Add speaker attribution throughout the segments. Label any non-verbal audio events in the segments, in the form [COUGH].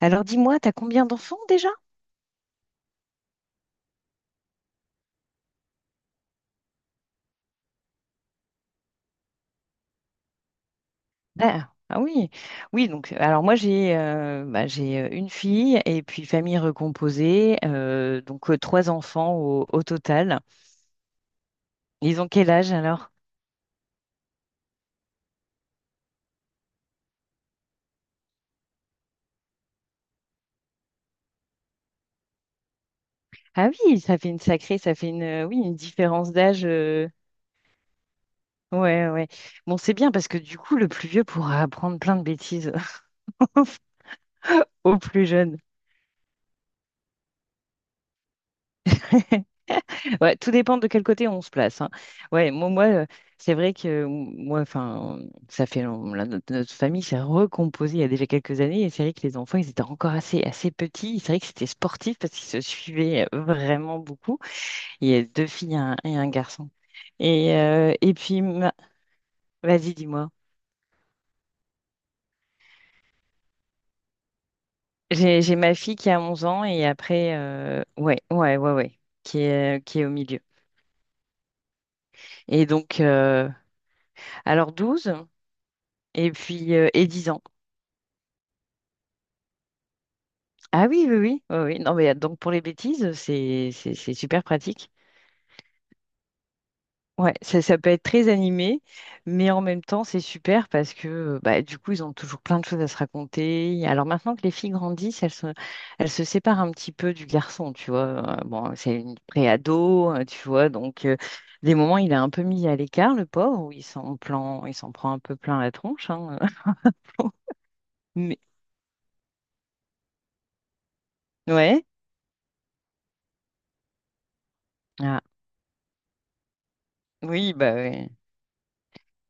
Speaker 1: Alors dis-moi, t'as combien d'enfants déjà? Ah, ah oui, oui, donc alors moi j'ai bah, j'ai une fille et puis famille recomposée, donc trois enfants au total. Ils ont quel âge alors? Ah oui, ça fait une sacrée, ça fait une oui, une différence d'âge. Ouais, ouais. Bon, c'est bien parce que du coup, le plus vieux pourra apprendre plein de bêtises [LAUGHS] au plus jeune. Ouais, tout dépend de quel côté on se place, hein. Ouais, moi, c'est vrai que moi, enfin, ça fait long- la- notre famille s'est recomposée il y a déjà quelques années et c'est vrai que les enfants, ils étaient encore assez petits. C'est vrai que c'était sportif parce qu'ils se suivaient vraiment beaucoup. Il y a deux filles et un garçon. Et puis, vas-y, dis-moi. J'ai ma fille qui a 11 ans et après, ouais, qui est au milieu. Et donc, alors 12 et puis et 10 ans. Ah oui, oui, oui, oui, oui. Non, mais donc pour les bêtises, c'est super pratique. Ouais, ça peut être très animé, mais en même temps, c'est super parce que bah, du coup, ils ont toujours plein de choses à se raconter. Alors maintenant que les filles grandissent, elles se séparent un petit peu du garçon, tu vois. Bon, c'est une pré-ado, tu vois. Donc, des moments, il est un peu mis à l'écart, le pauvre, où il s'en prend un peu plein la tronche, hein. [LAUGHS] Mais, ouais. Ah, oui, bah ouais.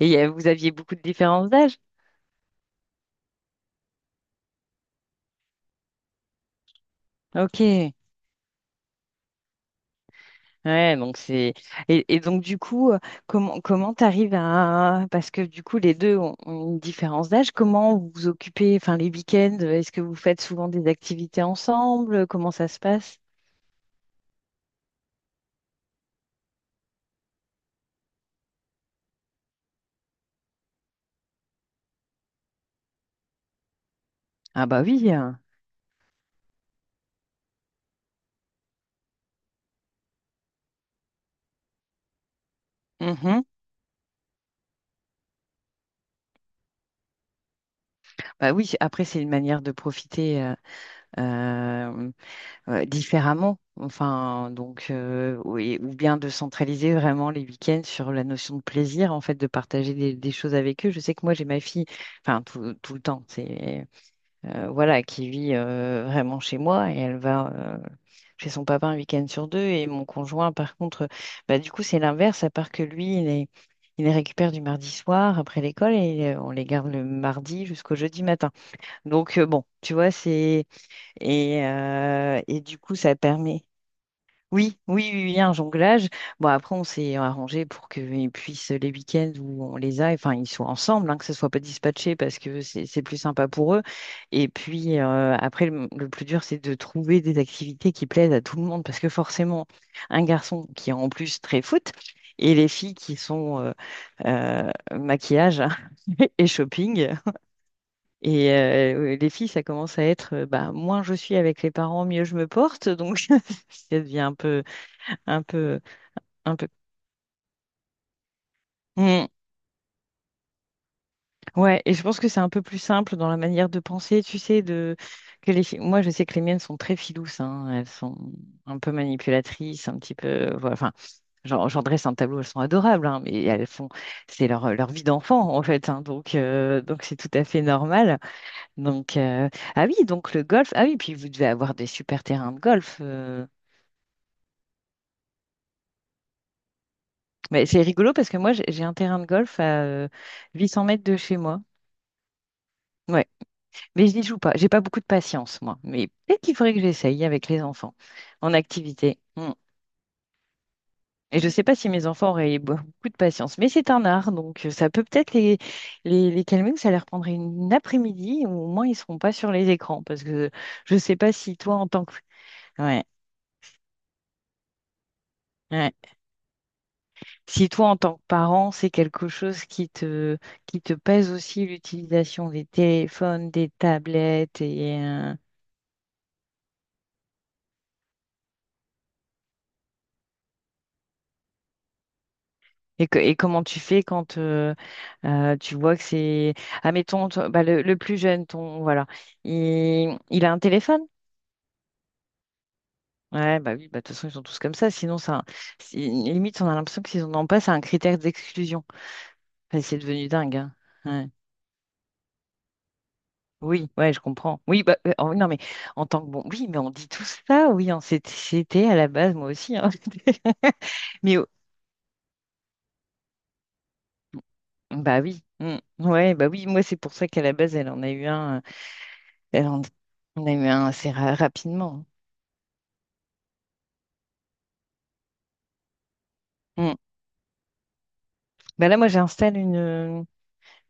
Speaker 1: Et vous aviez beaucoup de différences d'âge? Ok. Ouais, donc c'est et donc du coup, comment t'arrives à parce que du coup les deux ont, ont une différence d'âge. Comment vous vous occupez, enfin les week-ends, est-ce que vous faites souvent des activités ensemble? Comment ça se passe? Ah bah oui, hein. Mhm. Bah oui. Après c'est une manière de profiter euh, différemment. Enfin donc oui, ou bien de centraliser vraiment les week-ends sur la notion de plaisir en fait de partager des choses avec eux. Je sais que moi j'ai ma fille, enfin tout le temps c'est voilà, qui vit vraiment chez moi et elle va chez son papa un week-end sur deux. Et mon conjoint, par contre, bah, du coup, c'est l'inverse, à part que lui, il les récupère du mardi soir après l'école et on les garde le mardi jusqu'au jeudi matin. Donc, bon, tu vois, c'est. Et du coup, ça permet. Oui, oui, oui, oui, un jonglage. Bon, après, on s'est arrangé pour qu'ils puissent, les week-ends où on les a, enfin, ils soient ensemble, hein, que ce soit pas dispatché parce que c'est plus sympa pour eux. Et puis, après, le plus dur, c'est de trouver des activités qui plaisent à tout le monde parce que forcément, un garçon qui est en plus très foot et les filles qui sont euh, maquillage [LAUGHS] et shopping. Et les filles, ça commence à être, bah, moins je suis avec les parents, mieux je me porte. Donc, [LAUGHS] ça devient un peu, un peu. Un peu. Mm. Ouais, et je pense que c'est un peu plus simple dans la manière de penser, tu sais, de que les filles- Moi, je sais que les miennes sont très filouses, hein. Elles sont un peu manipulatrices, un petit peu. Voilà. Enfin, j'en dresse un tableau, elles sont adorables, hein, mais elles font. C'est leur, leur vie d'enfant, en fait, hein, donc c'est tout à fait normal. Donc ah oui, donc le golf. Ah oui, puis vous devez avoir des super terrains de golf. Mais c'est rigolo parce que moi, j'ai un terrain de golf à 800 mètres de chez moi. Ouais. Mais je n'y joue pas. J'ai pas beaucoup de patience, moi. Mais peut-être qu'il faudrait que j'essaye avec les enfants en activité. Hmm. Et je ne sais pas si mes enfants auraient beaucoup de patience, mais c'est un art, donc ça peut peut-être les calmer ou ça leur prendrait une après-midi, ou au moins ils ne seront pas sur les écrans, parce que je ne sais pas si toi en tant que ouais, ouais. Si toi en tant que parent, c'est quelque chose qui te pèse aussi l'utilisation des téléphones, des tablettes et et, et comment tu fais quand tu vois que c'est... Admettons, toi- bah, le plus jeune, ton, voilà, il a un téléphone? Ouais, bah oui, bah, de toute façon, ils sont tous comme ça. Sinon, ça, c'est- limite, on a l'impression que s'ils n'en ont pas, c'est un critère d'exclusion. Enfin, c'est devenu dingue, hein. Ouais. Oui, ouais, je comprends. Oui, bah, oh, non, mais en tant que bon, oui, mais on dit tout ça, oui, on s'était c'était à la base, moi aussi, hein. [LAUGHS] Mais oh, bah oui, mm, ouais, bah oui, moi, c'est pour ça qu'à la base, elle en a eu un. Ben, on a eu un assez rapidement. Mm. Ben là, moi,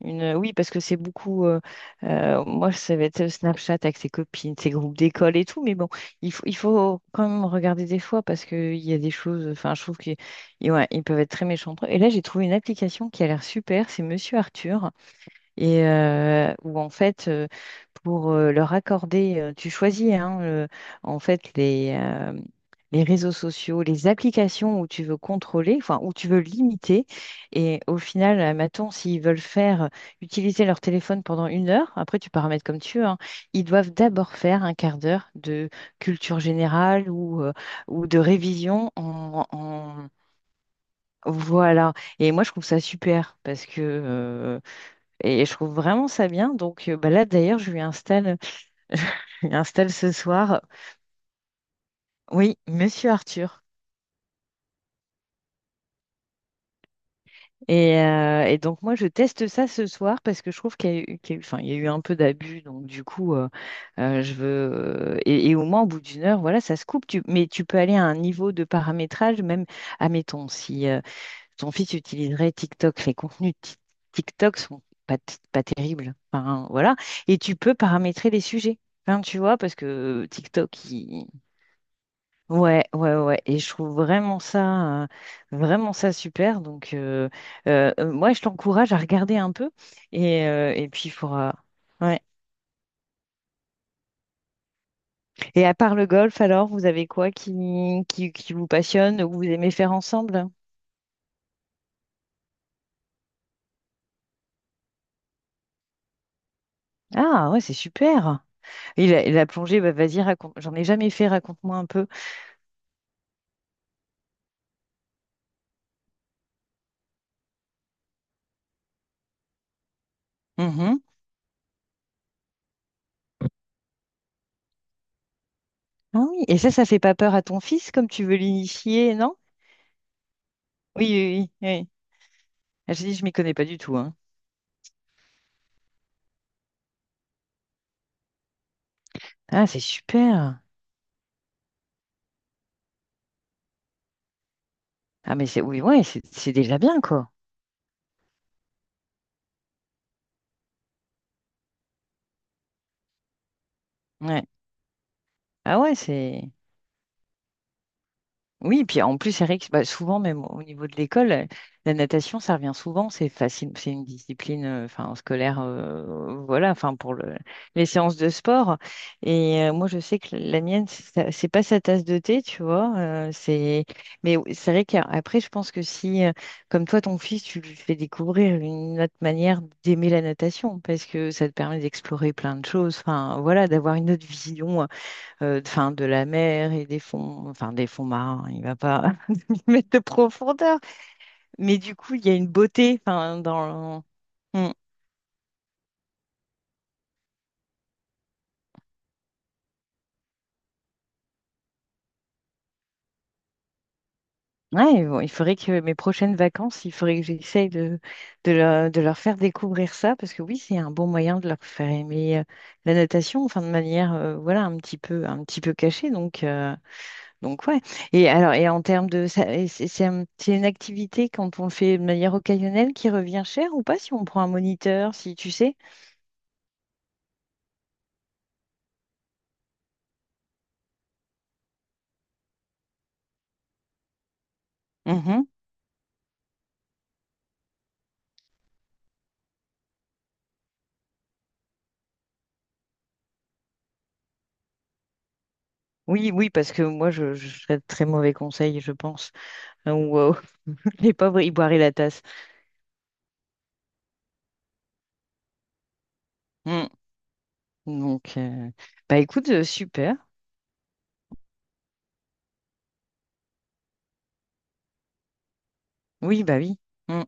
Speaker 1: une. Oui, parce que c'est beaucoup. Moi, ça va être Snapchat avec ses copines, ses groupes d'école et tout. Mais bon, il faut quand même regarder des fois parce qu'il y a des choses. Enfin, je trouve qu'ils ils ouais, ils peuvent être très méchants entre eux. Et là, j'ai trouvé une application qui a l'air super. C'est Monsieur Arthur. Et où en fait pour leur accorder, tu choisis hein, en fait les réseaux sociaux, les applications où tu veux contrôler, enfin où tu veux limiter. Et au final, admettons, s'ils veulent faire utiliser leur téléphone pendant une heure, après tu paramètres comme tu veux, hein, ils doivent d'abord faire un quart d'heure de culture générale ou de révision Voilà. Et moi, je trouve ça super parce que et je trouve vraiment ça bien. Donc bah là, d'ailleurs, je lui installe, [LAUGHS] je lui installe ce soir, oui, Monsieur Arthur. Et donc moi, je teste ça ce soir parce que je trouve qu'il y a eu- enfin, il y a eu un peu d'abus. Donc du coup, je veux... et au moins, au bout d'une heure, voilà, ça se coupe. Tu- mais tu peux aller à un niveau de paramétrage, même, admettons, si... Ton fils utiliserait TikTok. Les contenus TikTok sont pas terribles. Enfin, voilà. Et tu peux paramétrer les sujets. Enfin, tu vois, parce que TikTok, il... Ouais, ouais, ouais. Et je trouve vraiment ça super. Donc, moi, je t'encourage à regarder un peu. Et puis, il faudra... Ouais. Et à part le golf, alors, vous avez quoi qui vous passionne ou vous aimez faire ensemble? Ah, ouais, c'est super. Et et la plongée, bah, vas-y, raconte. J'en ai jamais fait, raconte-moi un peu. Mhm. Ah oui, et ça fait pas peur à ton fils comme tu veux l'initier, non? Oui, oui, oui, oui. Ah, Je dis, je m'y connais pas du tout, hein. Ah, c'est super. Ah, mais c'est oui, ouais, c'est déjà bien, quoi. Ouais. Ah ouais, c'est. Oui, puis en plus, Eric, bah, souvent, même au niveau de l'école, la natation, ça revient souvent. C'est facile, c'est une discipline, enfin, scolaire, voilà, enfin, pour le- les séances de sport. Et moi, je sais que la mienne, c'est c'est pas sa tasse de thé, tu vois. C'est, mais oui, c'est vrai qu'après, je pense que si, comme toi, ton fils, tu lui fais découvrir une autre manière d'aimer la natation, parce que ça te permet d'explorer plein de choses, enfin, voilà, d'avoir une autre vision enfin, de la mer et des fonds, enfin des fonds marins, il va pas [LAUGHS] mettre de profondeur. Mais du coup, il y a une beauté, enfin, dans le- Hmm. Ouais, bon, il faudrait que mes prochaines vacances, il faudrait que j'essaye de leur faire découvrir ça, parce que oui, c'est un bon moyen de leur faire aimer la natation, enfin de manière, voilà, un petit peu cachée. Donc ouais. Et alors, et en termes de, et c'est une activité quand on le fait de manière occasionnelle qui revient cher ou pas si on prend un moniteur, si tu sais? Mhm. Oui, oui, parce que moi, je serais de très mauvais conseil, je pense. Wow. [LAUGHS] Les pauvres, ils boiraient la tasse. Mm. Donc, bah écoute, super. Oui, bah oui. Mm.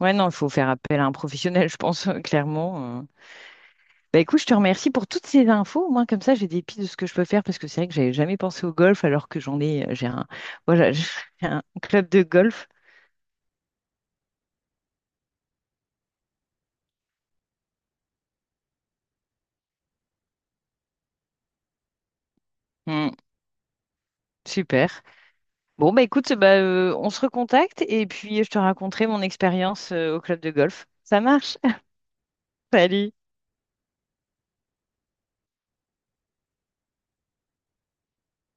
Speaker 1: Ouais, non, il faut faire appel à un professionnel, [LAUGHS] je pense, clairement. Bah écoute, je te remercie pour toutes ces infos. Au moins, comme ça, j'ai des pistes de ce que je peux faire, parce que c'est vrai que j'avais jamais pensé au golf, alors que j'en ai, j'ai un, voilà, [LAUGHS] j'ai un club de golf. Mm. Super. Bon, bah écoute, bah, on se recontacte et puis je te raconterai mon expérience au club de golf. Ça marche? [LAUGHS] Salut!